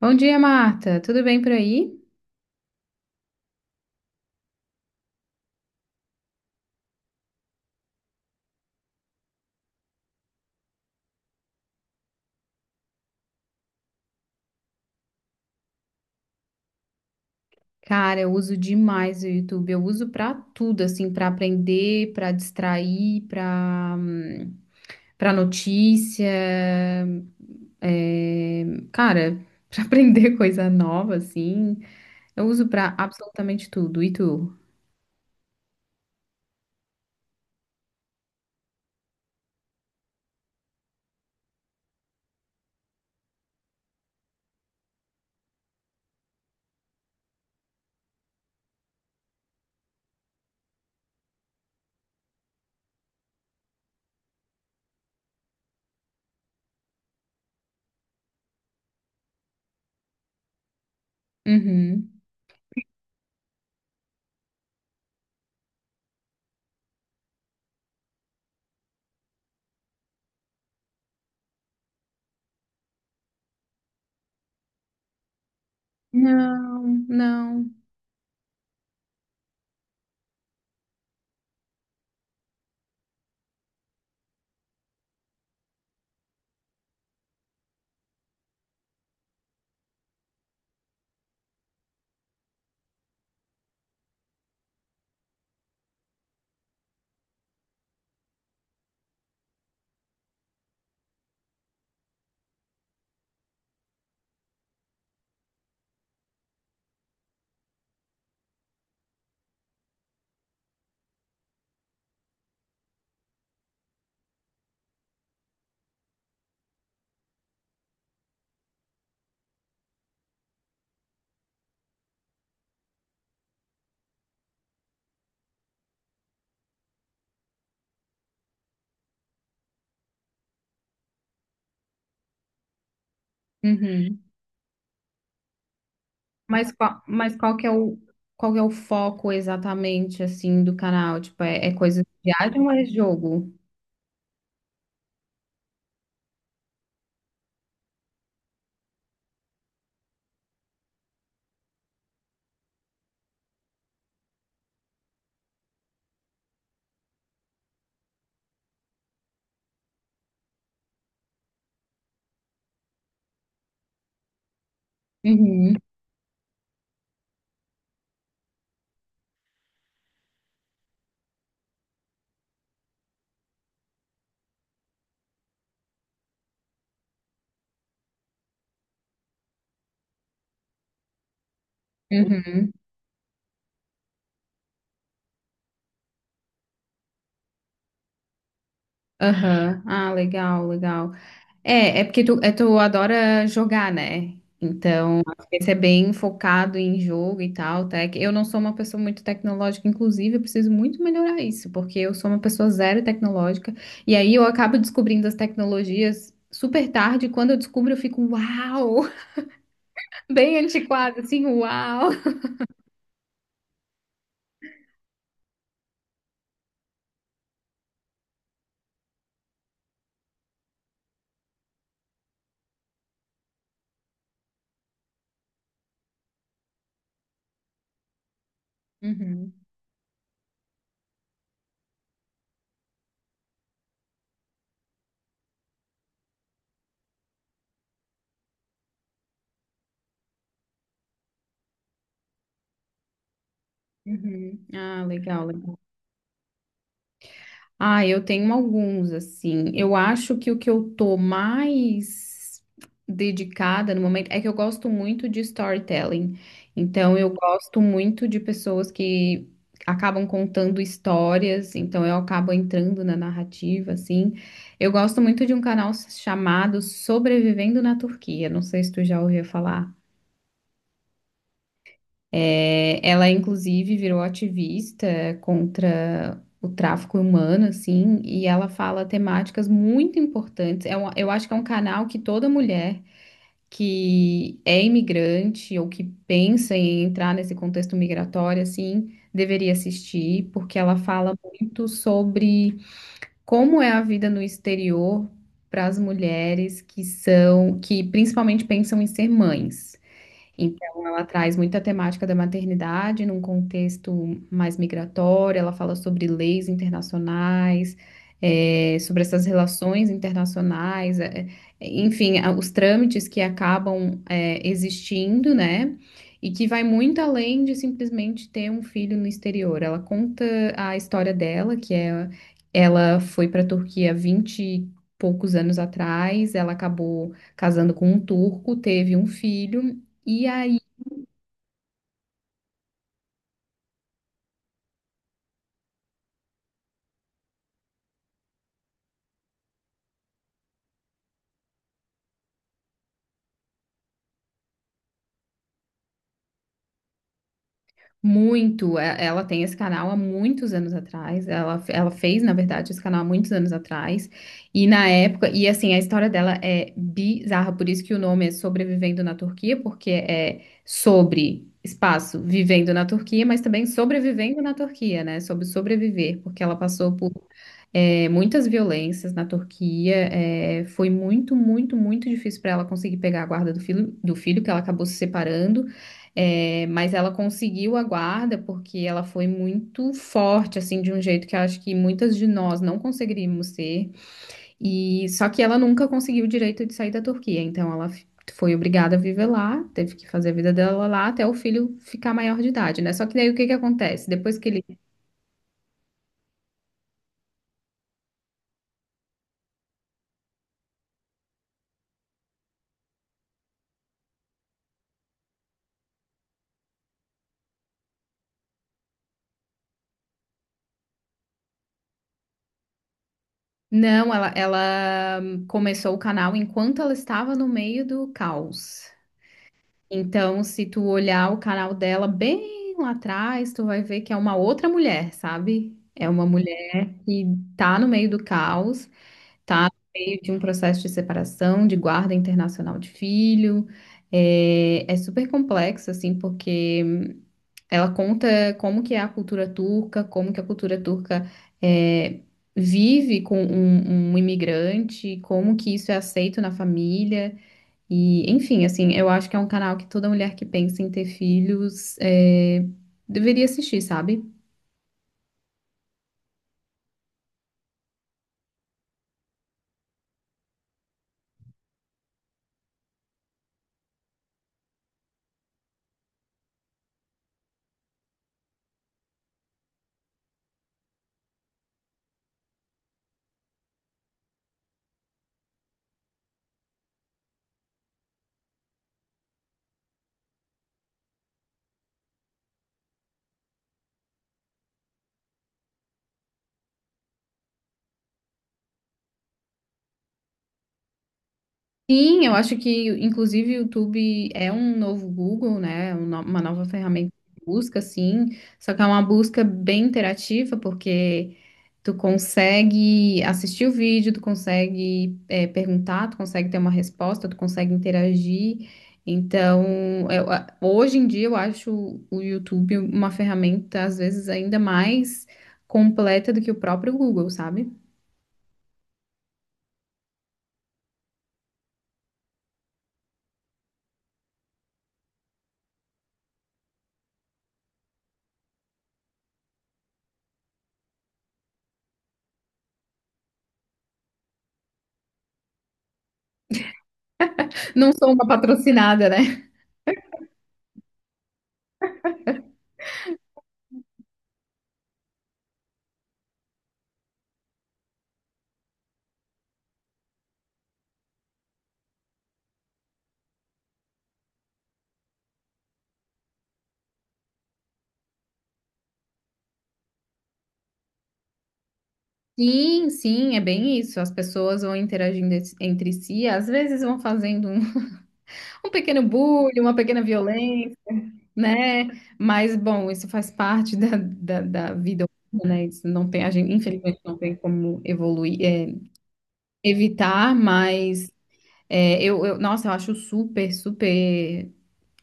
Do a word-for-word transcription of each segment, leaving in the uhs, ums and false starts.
Bom dia, Marta. Tudo bem por aí? Cara, eu uso demais o YouTube. Eu uso pra tudo, assim, pra aprender, pra distrair, pra hum, para notícia, é, cara, pra aprender coisa nova, assim. Eu uso pra absolutamente tudo. E tu? Uhum. Não, não. Uhum. Mas qual, mas qual que é o qual que é o foco exatamente assim do canal? Tipo, é, é coisa de viagem ou é jogo? Uhum, uhum, aham. Ah, legal, legal. É, é porque tu, é, tu adora jogar, né? Então, acho que esse é bem focado em jogo e tal, tec. Eu não sou uma pessoa muito tecnológica, inclusive, eu preciso muito melhorar isso, porque eu sou uma pessoa zero tecnológica, e aí eu acabo descobrindo as tecnologias super tarde, e quando eu descubro, eu fico, uau! Bem antiquado, assim, uau! Uhum, uhum. Ah, legal, legal. Ah, eu tenho alguns, assim. Eu acho que o que eu tô mais dedicada no momento é que eu gosto muito de storytelling. Então, eu gosto muito de pessoas que acabam contando histórias, então eu acabo entrando na narrativa, assim. Eu gosto muito de um canal chamado Sobrevivendo na Turquia. Não sei se tu já ouviu falar. É, ela, inclusive, virou ativista contra o tráfico humano, assim, e ela fala temáticas muito importantes. É um- eu acho que é um canal que toda mulher que é imigrante ou que pensa em entrar nesse contexto migratório, assim, deveria assistir, porque ela fala muito sobre como é a vida no exterior para as mulheres que são, que principalmente pensam em ser mães. Então, ela traz muita temática da maternidade num contexto mais migratório, ela fala sobre leis internacionais, eh, sobre essas relações internacionais, eh, enfim, a- os trâmites que acabam, eh, existindo, né? E que vai muito além de simplesmente ter um filho no exterior. Ela conta a história dela, que é ela foi para a Turquia há vinte e poucos anos atrás, ela acabou casando com um turco, teve um filho. E aí, muito, é- ela tem esse canal há muitos anos atrás, ela, ela fez, na verdade, esse canal há muitos anos atrás, e na época, e assim, a história dela é bizarra, por isso que o nome é Sobrevivendo na Turquia, porque é sobre, espaço, vivendo na Turquia, mas também sobrevivendo na Turquia, né, sobre sobreviver, porque ela passou por é, muitas violências na Turquia, é, foi muito, muito, muito difícil para ela conseguir pegar a guarda do filho, do filho, que ela acabou se separando. É, mas ela conseguiu a guarda porque ela foi muito forte, assim, de um jeito que eu acho que muitas de nós não conseguiríamos ser. E só que ela nunca conseguiu o direito de sair da Turquia, então ela fi- foi obrigada a viver lá, teve que fazer a vida dela lá até o filho ficar maior de idade, né? Só que daí o que que acontece? Depois que ele não, ela, ela hum, começou o canal enquanto ela estava no meio do caos. Então, se tu olhar o canal dela bem lá atrás, tu vai ver que é uma outra mulher, sabe? É uma mulher que tá no meio do caos, tá no meio de um processo de separação, de guarda internacional de filho. É, é super complexo, assim, porque ela conta como que é a cultura turca, como que a cultura turca é, vive com um um imigrante, como que isso é aceito na família. E, enfim, assim, eu acho que é um canal que toda mulher que pensa em ter filhos é, deveria assistir, sabe? Sim, eu acho que, inclusive, o YouTube é um novo Google, né? É Um no- uma nova ferramenta de busca, sim. Só que é uma busca bem interativa, porque tu consegue assistir o vídeo, tu consegue é, perguntar, tu consegue ter uma resposta, tu consegue interagir. Então, eu a- hoje em dia eu acho o YouTube uma ferramenta, às vezes, ainda mais completa do que o próprio Google, sabe? Não sou uma patrocinada, né? Sim, sim, é bem isso. As pessoas vão interagindo es- entre si, às vezes vão fazendo um, um pequeno bullying, uma pequena violência, né? Mas, bom, isso faz parte da, da, da vida humana, né? Isso não tem, a gente, infelizmente, não tem como evoluir, é, evitar, mas é, eu, eu, nossa, eu acho super, super.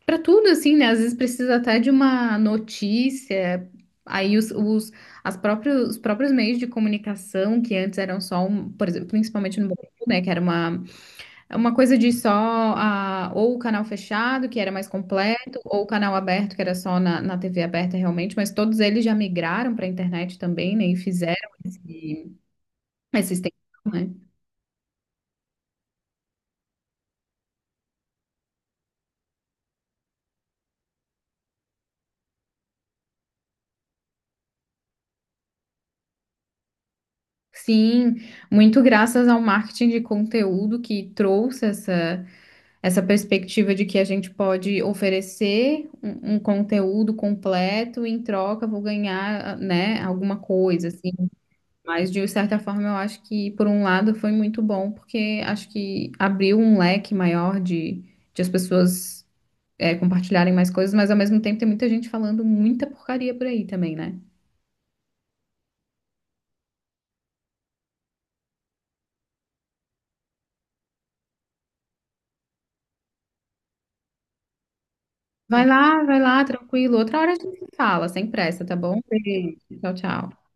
Para tudo, assim, né? Às vezes precisa até de uma notícia. Aí os, os, as próprios, os próprios meios de comunicação, que antes eram só um, por exemplo, principalmente no Brasil, né? Que era uma é uma coisa de só a, ou o canal fechado, que era mais completo, ou o canal aberto, que era só na, na tê vê aberta realmente, mas todos eles já migraram para a internet também, né? E fizeram esse, essa extensão, né? Sim, muito graças ao marketing de conteúdo que trouxe essa, essa perspectiva de que a gente pode oferecer um, um conteúdo completo, e em troca vou ganhar, né, alguma coisa, assim. Mas, de certa forma, eu acho que, por um lado, foi muito bom, porque acho que abriu um leque maior de, de as pessoas é, compartilharem mais coisas, mas, ao mesmo tempo, tem muita gente falando muita porcaria por aí também, né? Vai lá, vai lá, tranquilo. Outra hora a gente se fala, sem pressa, tá bom? Beijo. Tchau, tchau.